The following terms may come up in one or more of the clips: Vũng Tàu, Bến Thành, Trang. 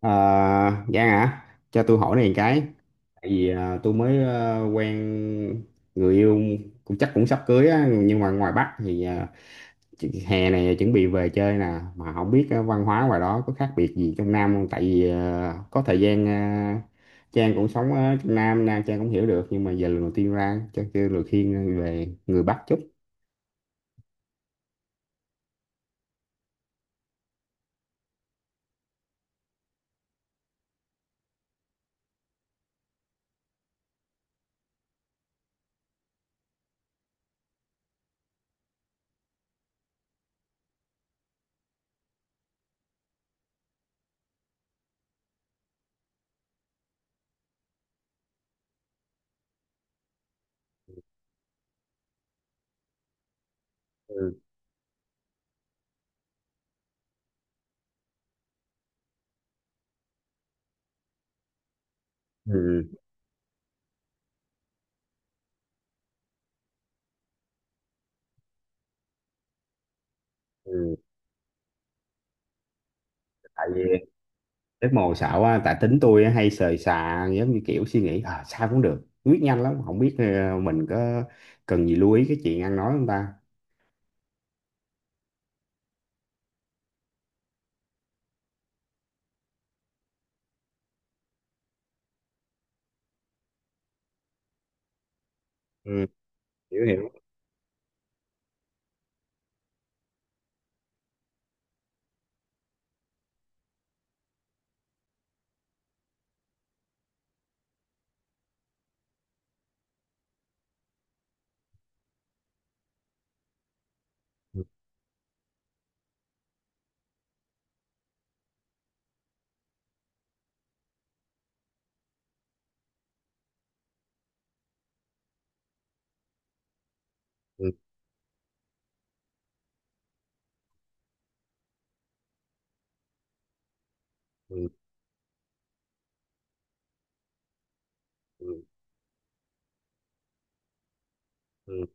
À, Giang hả? Cho tôi hỏi này một cái. Tại vì tôi mới quen người yêu cũng chắc cũng sắp cưới á, nhưng mà ngoài Bắc thì hè này chuẩn bị về chơi nè, mà không biết văn hóa ngoài đó có khác biệt gì trong Nam không? Tại vì có thời gian Trang cũng sống ở trong Nam, Nam Trang cũng hiểu được, nhưng mà giờ lần đầu tiên ra cho kêu lời khuyên về người Bắc chút. Ừ. Ừ. Ừ. Tại vì Rất mồ xạo quá, tại tính tôi á, hay sời xà giống như kiểu suy nghĩ sao cũng được, quyết nhanh lắm, không biết mình có cần gì lưu ý cái chuyện ăn nói không ta. Ừ, hiểu hiểu. Ừ, ừ, ừ, ừ.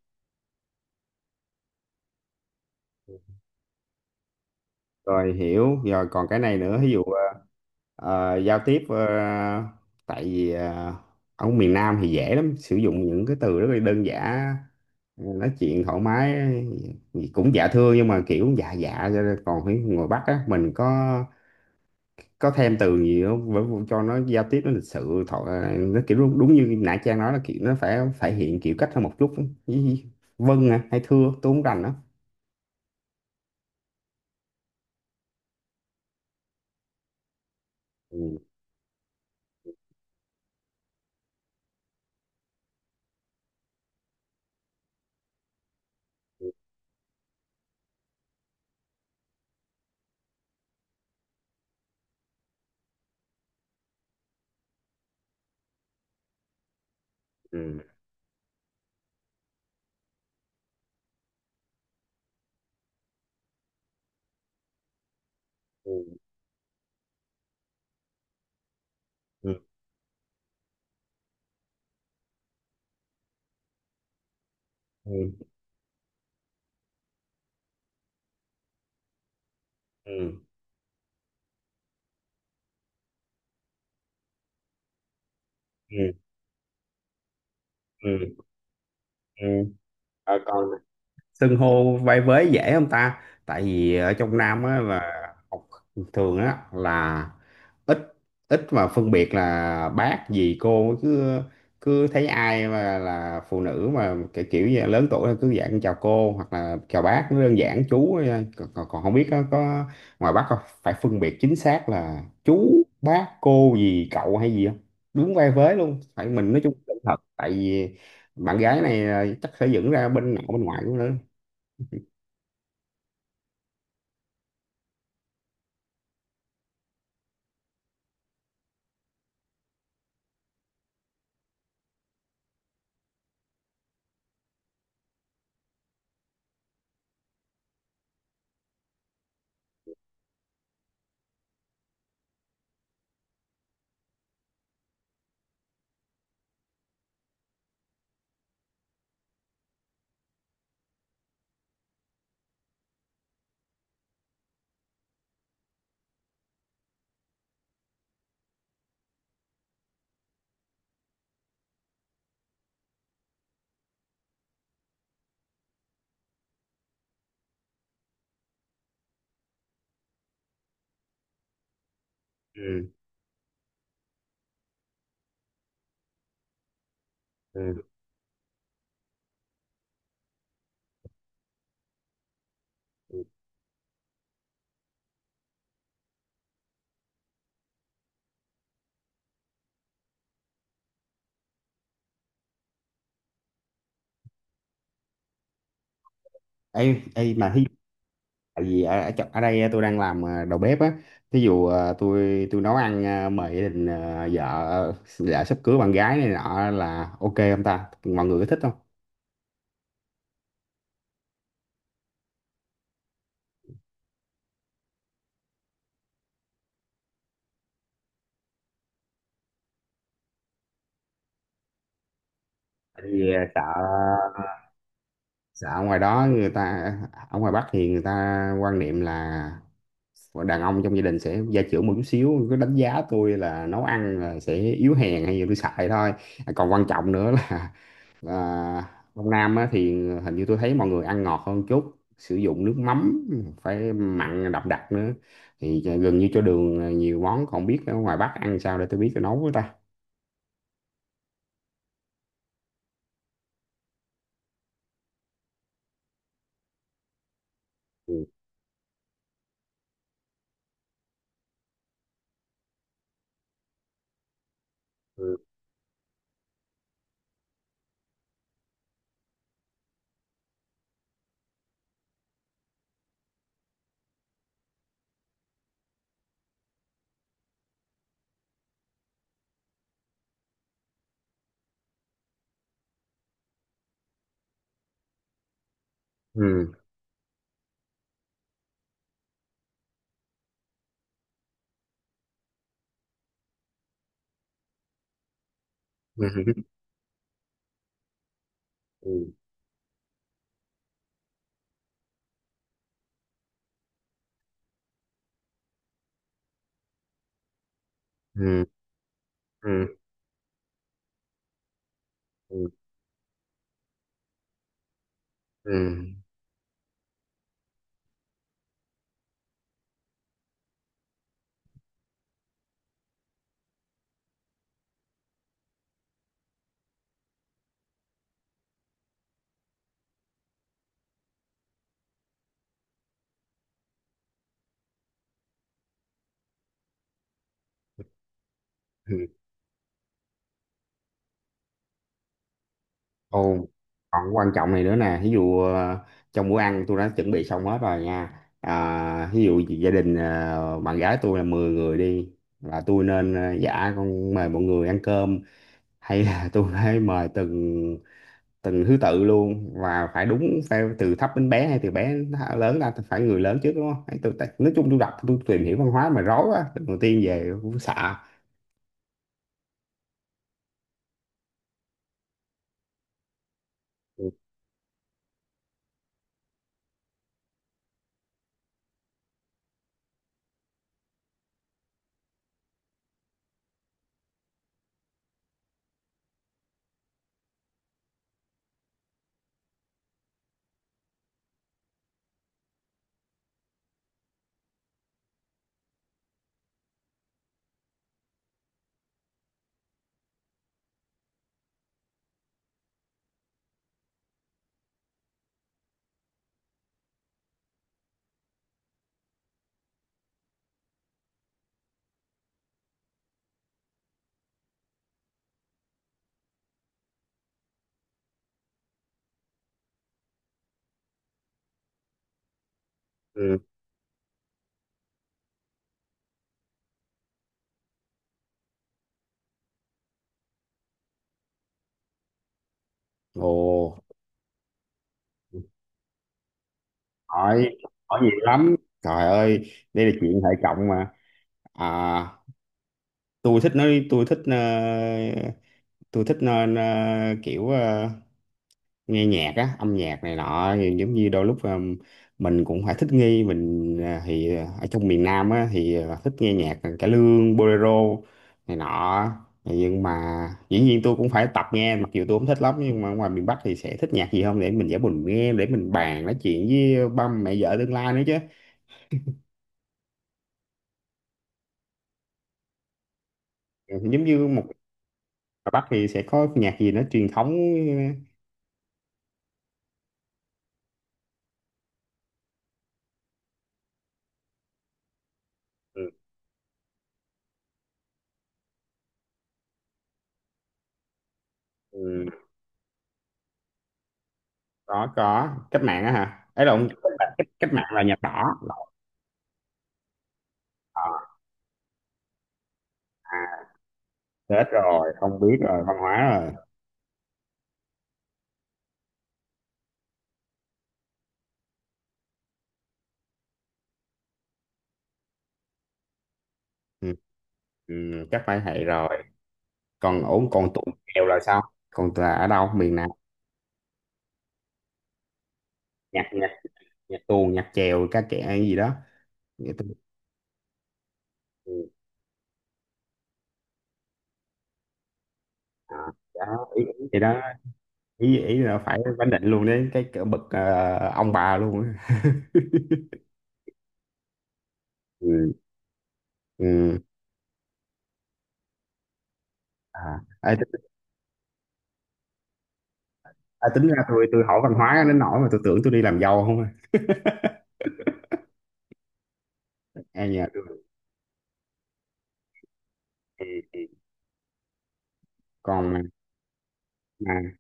Rồi hiểu, rồi còn cái này nữa, ví dụ giao tiếp tại vì ở miền Nam thì dễ lắm, sử dụng những cái từ rất là đơn giản, nói chuyện thoải mái cũng dạ thưa nhưng mà kiểu dạ dạ cho nên còn phải người Bắc á, mình có thêm từ gì không bởi vì cho nó giao tiếp nó lịch sự thọ nó kiểu đúng, đúng như nãy Trang nói là kiểu nó phải phải hiện kiểu cách hơn một chút. Ý- ý, vâng hay thưa tôi không rành đó. Ừ, ừ, ừ, ừ, ừ, ừ, ừ, ừ. Ừ. Ờ, còn xưng hô vai vế dễ không ta tại vì ở trong Nam á là học thường á là ít ít mà phân biệt là bác gì cô cứ cứ thấy ai mà là phụ nữ mà kiểu kiểu như là lớn tuổi là cứ dạng chào cô hoặc là chào bác nó đơn giản chú thôi, nha. Còn, còn còn không biết có ngoài bác không phải phân biệt chính xác là chú bác cô gì cậu hay gì không, đúng vai vế luôn phải mình nói chung là thật tại vì bạn gái này chắc sẽ dựng ra bên nội bên ngoại cũng nữa. Ừ. Ừ. Ấy ấy mà thí dụ, tại vì ở ở, ở đây á, tôi đang làm đầu bếp á, thí dụ tôi nấu ăn mời gia đình ờ, vợ sắp cưới bạn gái này nọ là ok không ta, mọi người có thích không? Tại vì sợ sợ ở ngoài đó người ta, ở ngoài Bắc thì người ta quan niệm là còn đàn ông trong gia đình sẽ gia trưởng một chút xíu, cứ đánh giá tôi là nấu ăn là sẽ yếu hèn hay gì tôi xài thôi. À, còn quan trọng nữa là, là trong Nam á, thì hình như tôi thấy mọi người ăn ngọt hơn chút, sử dụng nước mắm phải mặn đậm đặc nữa, thì gần như cho đường nhiều món, còn biết ở ngoài Bắc ăn sao để tôi biết tôi nấu với ta. Ừ, ừ, ừ, ừ, ừ, ừ, ừ, ừ. Ừ. Ồ, còn quan trọng này nữa nè, ví dụ trong bữa ăn tôi đã chuẩn bị xong hết rồi nha. À, ví dụ gia đình bạn gái tôi là 10 người đi, là tôi nên dạ con mời mọi người ăn cơm hay là tôi phải mời từng từng thứ tự luôn và phải đúng, phải từ thấp đến bé hay từ bé đến lớn ra, phải người lớn trước đúng không? Hay tôi, nói chung tôi đọc tôi tìm hiểu văn hóa mà rối quá, đầu tiên về cũng sợ. Ừ. Ừ. Ồ, hỏi hỏi nhiều lắm. Trời ơi, đây là chuyện hệ trọng mà. À, tôi thích nói, tôi thích tôi thích kiểu nghe nhạc á, âm nhạc này nọ, thì giống như đôi lúc mình cũng phải thích nghi mình thì ở trong miền Nam á thì thích nghe nhạc cải lương, bolero này nọ. Nhưng mà dĩ nhiên tôi cũng phải tập nghe mặc dù tôi không thích lắm, nhưng mà ngoài miền Bắc thì sẽ thích nhạc gì không để mình giả mình nghe để mình bàn nói chuyện với ba mẹ vợ tương lai nữa chứ. Ừ, giống như một ở Bắc thì sẽ có nhạc gì nó truyền thống. Ừ, ừ. Có cách mạng á hả, ấy là ông cách, cách cách mạng là nhà đỏ. Ờ, à, chết rồi không biết rồi văn hóa rồi. Ừ. Ừ, chắc phải vậy rồi. Còn ổn còn tuồng chèo là sao, còn là ở đâu miền nào? Nhạc nhạc, nhạc tuồng nhạc chèo ca kệ hay gì đó. Nghĩa ừ, à, đó, ý, ý thì đó, ý ý là phải bánh định luôn đấy cái cỡ bậc ông bà luôn á. Ừ. Ừ. À, ê, tính- à, tính ra tôi hỏi văn hóa đến nỗi mà tôi tưởng tôi đi làm dâu không à. Ai nhờ tôi. Ừ. Còn mà,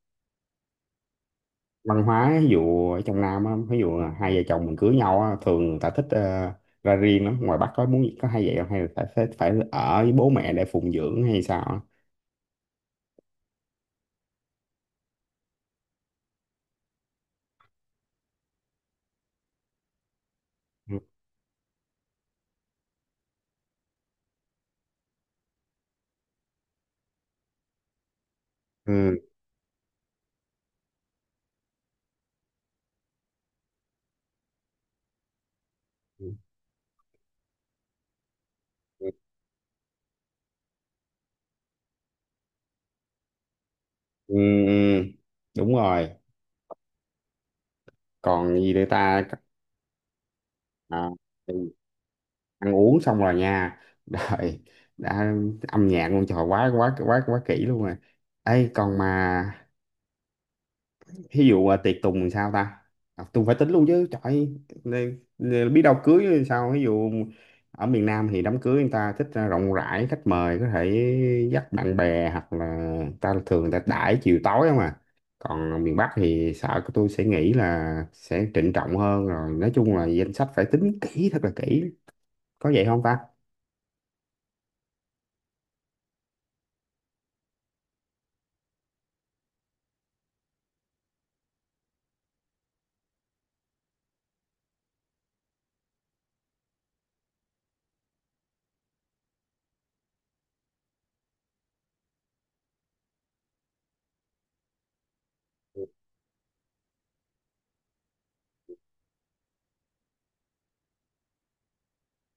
văn hóa ví dụ ở trong Nam á, ví dụ là hai vợ chồng mình cưới nhau á, thường người ta thích ra riêng lắm, ngoài Bắc có muốn có hai vợ chồng hay là phải phải, phải ở với bố mẹ để phụng dưỡng hay sao á? Ừ. Ừ. Ừ. Ừ. Ừ. Đúng rồi. Còn gì nữa ta? À, thì ăn uống xong rồi nha, rồi đã, âm nhạc luôn trời quá quá quá quá kỹ luôn rồi. Ấy còn mà, ví dụ tiệc tùng thì sao ta, à, tùng phải tính luôn chứ trời ơi, nên biết đâu cưới thì sao, ví dụ ở miền Nam thì đám cưới người ta thích rộng rãi khách mời, có thể dắt bạn bè hoặc là ta thường người ta đãi chiều tối không à, còn miền Bắc thì sợ của tôi sẽ nghĩ là sẽ trịnh trọng hơn, rồi nói chung là danh sách phải tính kỹ thật là kỹ, có vậy không ta?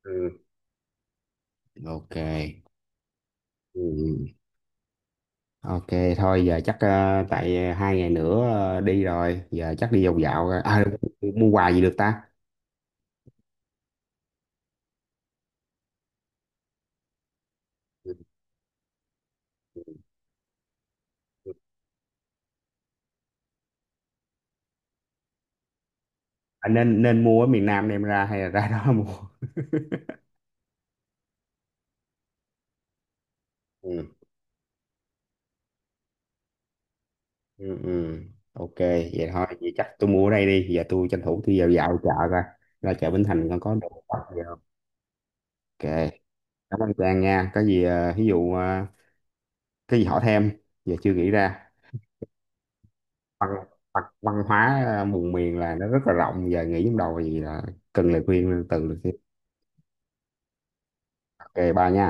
Ừ. Ok. Ừ. Ok, thôi giờ chắc tại 2 ngày nữa đi rồi, giờ chắc đi vòng dạo coi. À, mua quà gì được ta, à, nên nên mua ở miền Nam đem ra hay là ra đó mua? Ừ, ừ, ừ. Ok, vậy thôi, vậy chắc tôi mua ở đây đi, giờ tôi tranh thủ tôi vào dạo chợ coi, ra chợ Bến Thành con có đồ bắt gì không? Ok. Cảm ơn Trang nha, có gì ví dụ cái gì hỏi thêm giờ chưa nghĩ ra. Văn văn, văn hóa vùng miền là nó rất là rộng, giờ nghĩ trong đầu gì là cần lời khuyên từ được. Ok ba nha.